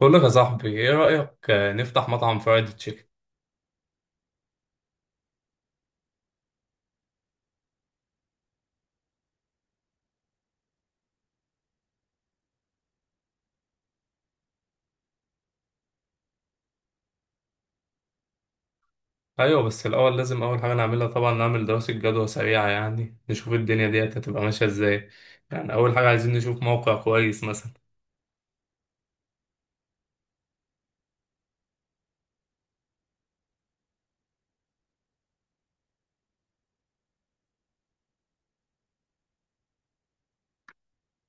بقول لك يا صاحبي ايه رأيك؟ نفتح مطعم فرايد تشيكن. ايوه، بس الاول لازم اول حاجه نعملها طبعا نعمل دراسه جدوى سريعه، يعني نشوف الدنيا ديت هتبقى ماشيه ازاي. يعني اول حاجه عايزين نشوف موقع كويس مثلا.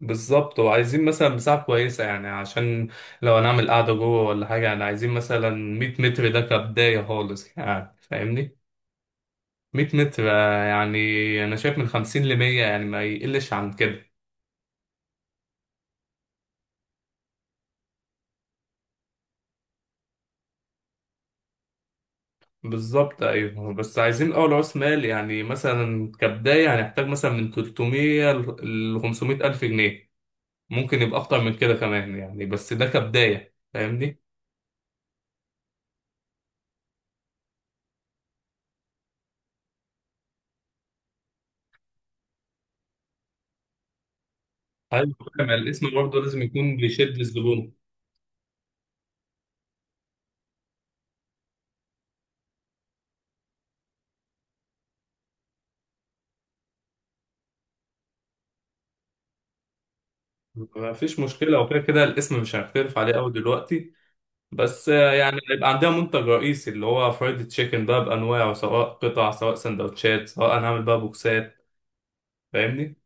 بالظبط، وعايزين مثلا مساحه كويسه يعني، عشان لو هنعمل قعده جوه ولا حاجه، يعني عايزين مثلا 100 متر، ده كبدايه خالص يعني، فاهمني؟ 100 متر يعني انا شايف من 50 ل 100، يعني ما يقلش عن كده. بالظبط. ايوه، بس عايزين اول راس مال، يعني مثلا كبدايه هنحتاج مثلا من 300 ل 500 ألف الف جنيه. ممكن يبقى اكتر من كده كمان يعني، بس ده كبدايه، فاهمني؟ هل مع الاسم برضه لازم يكون بيشد الزبون؟ ما فيش مشكله، وكده كده الاسم مش هنختلف عليه قوي دلوقتي. بس يعني يبقى عندنا منتج رئيسي اللي هو فرايد تشيكن بقى بانواعه، سواء قطع، سواء سندوتشات، سواء هنعمل بقى بوكسات، فاهمني.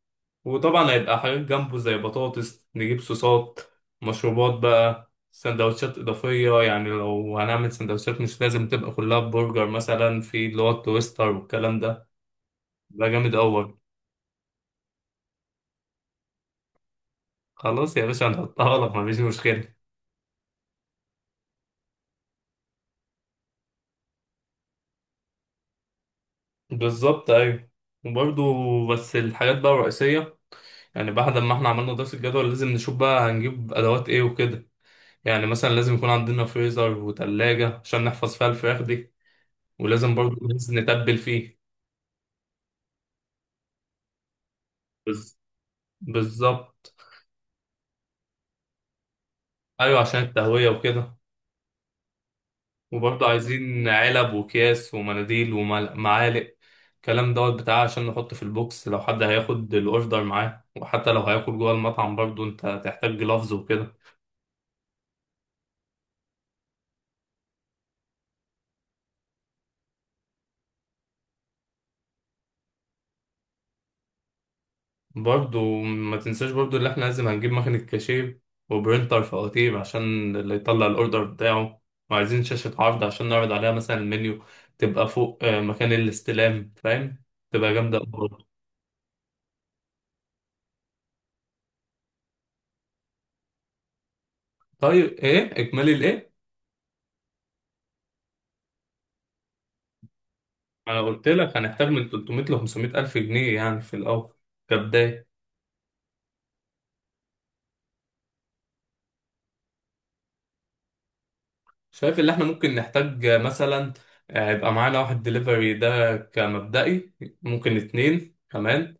وطبعا هيبقى حاجات جنبه زي بطاطس، نجيب صوصات، مشروبات بقى، سندوتشات إضافية. يعني لو هنعمل سندوتشات مش لازم تبقى كلها برجر، مثلا في اللي هو التويستر والكلام ده. ده جامد أول. خلاص يا باشا، هنحطها لك، مفيش مشكلة. بالظبط، أيوة. وبرضه بس الحاجات بقى الرئيسية، يعني بعد ما احنا عملنا دراسة الجدول لازم نشوف بقى هنجيب أدوات ايه وكده. يعني مثلا لازم يكون عندنا فريزر وتلاجة عشان نحفظ فيها الفراخ دي، ولازم برضه نتبل فيه. بالظبط. ايوه، عشان التهويه وكده. وبرضه عايزين علب وكياس ومناديل ومعالق، الكلام دوت بتاع، عشان نحط في البوكس لو حد هياخد الاوردر معاه. وحتى لو هياكل جوه المطعم برضه انت هتحتاج جلافز وكده. برضه ما تنساش برضه اللي احنا لازم هنجيب مكنة كاشير، وبرينتر فواتير عشان اللي يطلع الاوردر بتاعه. وعايزين شاشة عرض عشان نعرض عليها مثلا المنيو، تبقى فوق مكان الاستلام، فاهم؟ تبقى جامدة أوي. طيب ايه، اكملي الايه. ما انا قلت لك هنحتاج من 300 ل 500 الف جنيه يعني في الاول، كبدايه. شايف اللي احنا ممكن نحتاج مثلا يبقى معانا واحد دليفري ده كمبدئي، ممكن اتنين كمان.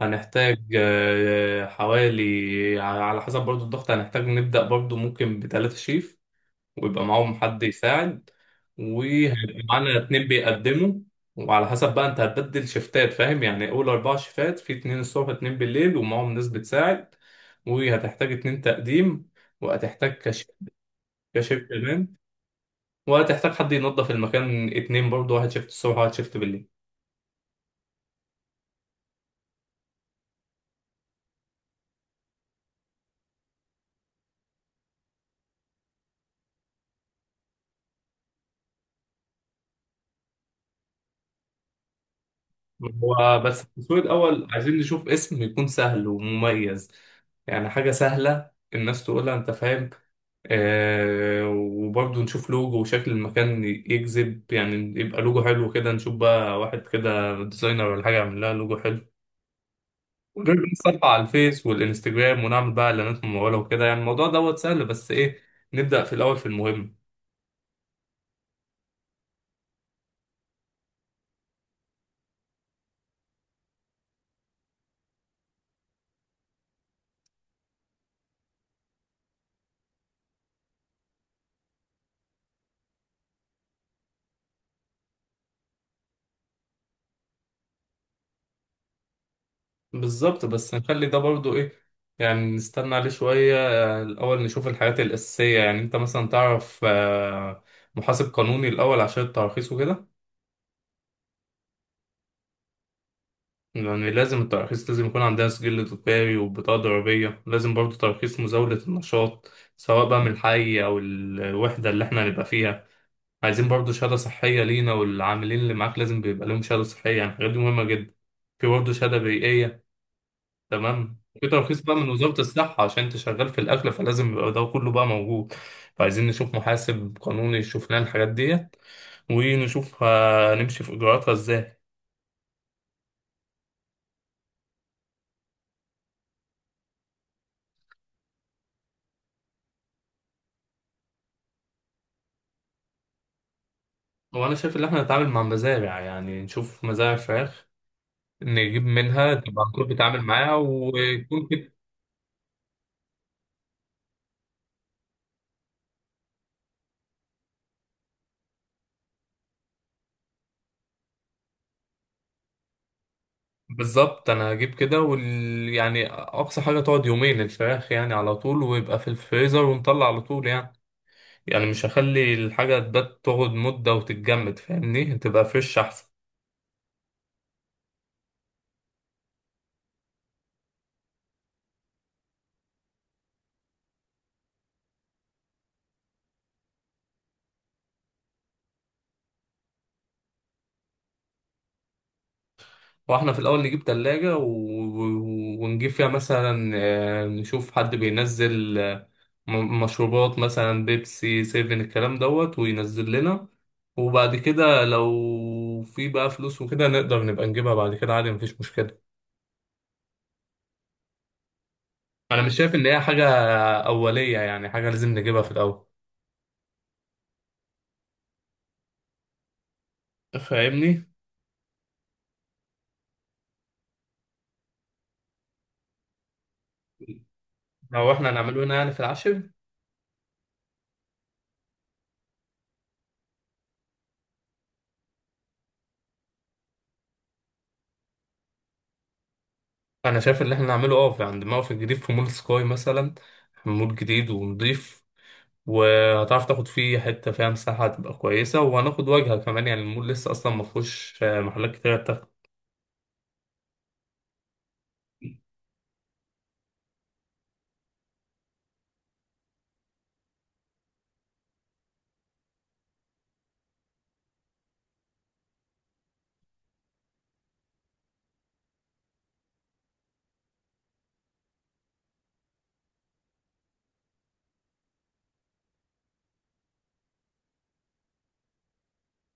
هنحتاج حوالي، على حسب برضو الضغط، هنحتاج نبدأ برضو ممكن بتلاتة شيف، ويبقى معاهم حد يساعد. وهيبقى معانا اتنين بيقدموا. وعلى حسب بقى انت هتبدل شفتات فاهم، يعني اول اربع شفتات، في اتنين الصبح، اتنين بالليل، ومعاهم ناس بتساعد. وهتحتاج اتنين تقديم، وهتحتاج كشف كمان. وهتحتاج حد ينظف المكان اتنين برضه، واحد شفت الصبح وواحد شفت بالليل. هو بس التصوير الأول عايزين نشوف اسم يكون سهل ومميز، يعني حاجة سهلة الناس تقولها، أنت فاهم. آه، وبرضه نشوف لوجو وشكل المكان يجذب يعني، يبقى لوجو حلو كده، نشوف بقى واحد كده ديزاينر ولا حاجة يعمل لها لوجو حلو. غير بقى نصفح على الفيس والإنستجرام، ونعمل بقى إعلانات ممولة وكده. يعني الموضوع دوت سهل، بس إيه، نبدأ في الأول في المهم. بالظبط، بس نخلي ده برضو ايه، يعني نستنى عليه شوية. الأول نشوف الحاجات الأساسية. يعني أنت مثلا تعرف محاسب قانوني الأول عشان التراخيص وكده؟ يعني لازم التراخيص، لازم يكون عندها سجل تجاري وبطاقة ضريبية، لازم برضو ترخيص مزاولة النشاط سواء بقى من الحي أو الوحدة اللي احنا هنبقى فيها. عايزين برضو شهادة صحية لينا، والعاملين اللي معاك لازم بيبقى لهم شهادة صحية، يعني الحاجات دي مهمة جدا. في برضه شهادة بيئية، تمام. في ترخيص بقى من وزارة الصحة عشان انت شغال في الأكل، فلازم يبقى ده كله بقى موجود. فعايزين نشوف محاسب قانوني يشوف لنا الحاجات ديت، ونشوف هنمشي في إجراءاتها ازاي. هو أنا شايف إن احنا نتعامل مع مزارع، يعني نشوف مزارع فراخ نجيب منها، تبقى الكل بيتعامل معاها ويكون كده. بالظبط، أنا هجيب كده يعني أقصى حاجة تقعد يومين الفراخ، يعني على طول ويبقى في الفريزر، ونطلع على طول يعني. يعني مش هخلي الحاجة تبات تقعد مدة وتتجمد، فاهمني، تبقى فريش أحسن. واحنا في الأول نجيب تلاجة و... و- ونجيب فيها مثلا نشوف حد بينزل مشروبات، مثلا بيبسي سيفن الكلام دوت، وينزل لنا. وبعد كده لو في بقى فلوس وكده نقدر نبقى نجيبها بعد كده عادي، مفيش مشكلة. أنا مش شايف إن هي حاجة أولية، يعني حاجة لازم نجيبها في الأول، فاهمني؟ لو احنا هنعمله هنا يعني في العشر، انا شايف ان احنا نعمله اه عند موقف جديد في مول سكاي مثلا، مول جديد ونضيف. وهتعرف تاخد فيه حته فيها مساحه هتبقى كويسه، وهناخد واجهه كمان. يعني المول لسه اصلا ما فيهوش محلات كتير بتاخد.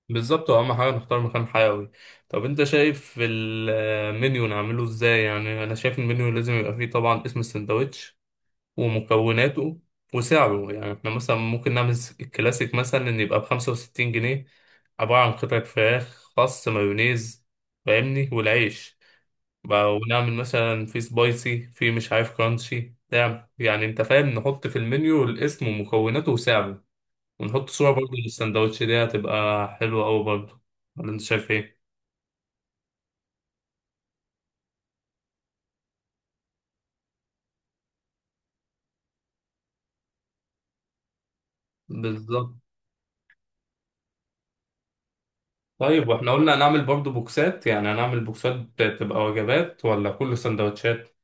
بالظبط، واهم حاجه نختار مكان حيوي. طب انت شايف المنيو نعمله ازاي؟ يعني انا شايف المنيو لازم يبقى فيه طبعا اسم السندوتش ومكوناته وسعره. يعني احنا مثلا ممكن نعمل الكلاسيك مثلا، ان يبقى ب 65 جنيه، عبارة عن قطعة فراخ، خس، مايونيز، فاهمني، والعيش بقى. ونعمل مثلا في سبايسي، في مش عارف كرانشي، نعم يعني انت فاهم، نحط في المنيو الاسم ومكوناته وسعره. ونحط صورة برضه للسندوتش، دي هتبقى حلوة أوي برضه، ولا انت شايف ايه؟ بالظبط. طيب واحنا قلنا هنعمل برضه بوكسات، يعني هنعمل بوكسات تبقى وجبات ولا كل سندوتشات؟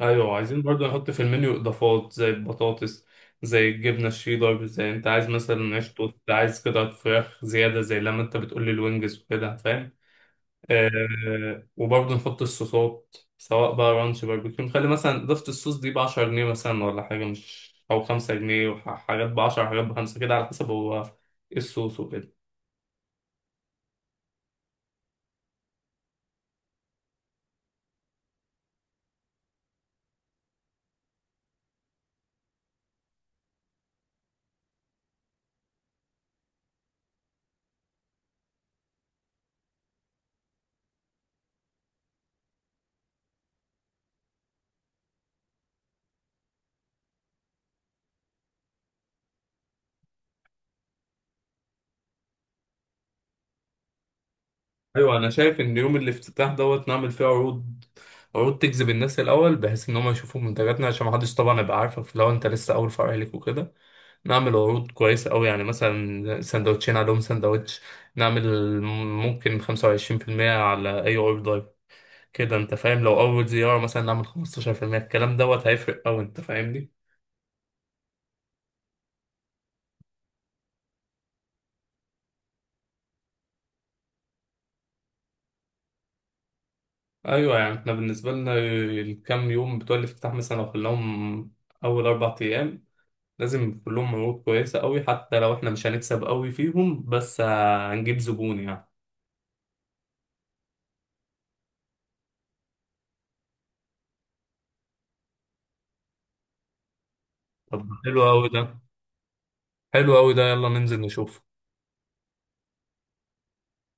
ايوه، عايزين برضه نحط في المنيو اضافات زي البطاطس، زي الجبنه الشيدر، زي انت عايز مثلا عيش توست، عايز قطعه فراخ زياده، زي لما انت بتقول لي الوينجز وكده، فاهم. آه، وبرضه نحط الصوصات سواء بقى رانش، باربيكيو، نخلي مثلا اضافه الصوص دي ب 10 جنيه مثلا، ولا حاجه مش، او 5 جنيه، وحاجات ب 10 حاجات ب 5، كده على حسب هو ايه الصوص وكده. ايوه، انا شايف ان يوم الافتتاح دوت نعمل فيه عروض، عروض تجذب الناس الاول، بحيث ان هم يشوفوا منتجاتنا، عشان محدش طبعا يبقى عارفك لو انت لسه اول فرع ليك وكده. نعمل عروض كويسه قوي، يعني مثلا سندوتشين عليهم سندوتش، نعمل ممكن 25% على اي اوردر، كده انت فاهم. لو اول زياره مثلا نعمل 15%، الكلام دوت هيفرق قوي، انت فاهمني. ايوه، يعني احنا بالنسبه لنا الكام يوم بتوع الافتتاح، مثلا لو خلاهم اول اربع ايام، لازم كلهم مجهود كويسة قوي، حتى لو احنا مش هنكسب قوي فيهم، بس هنجيب زبون يعني. طب حلو قوي ده، حلو قوي ده، يلا ننزل نشوف.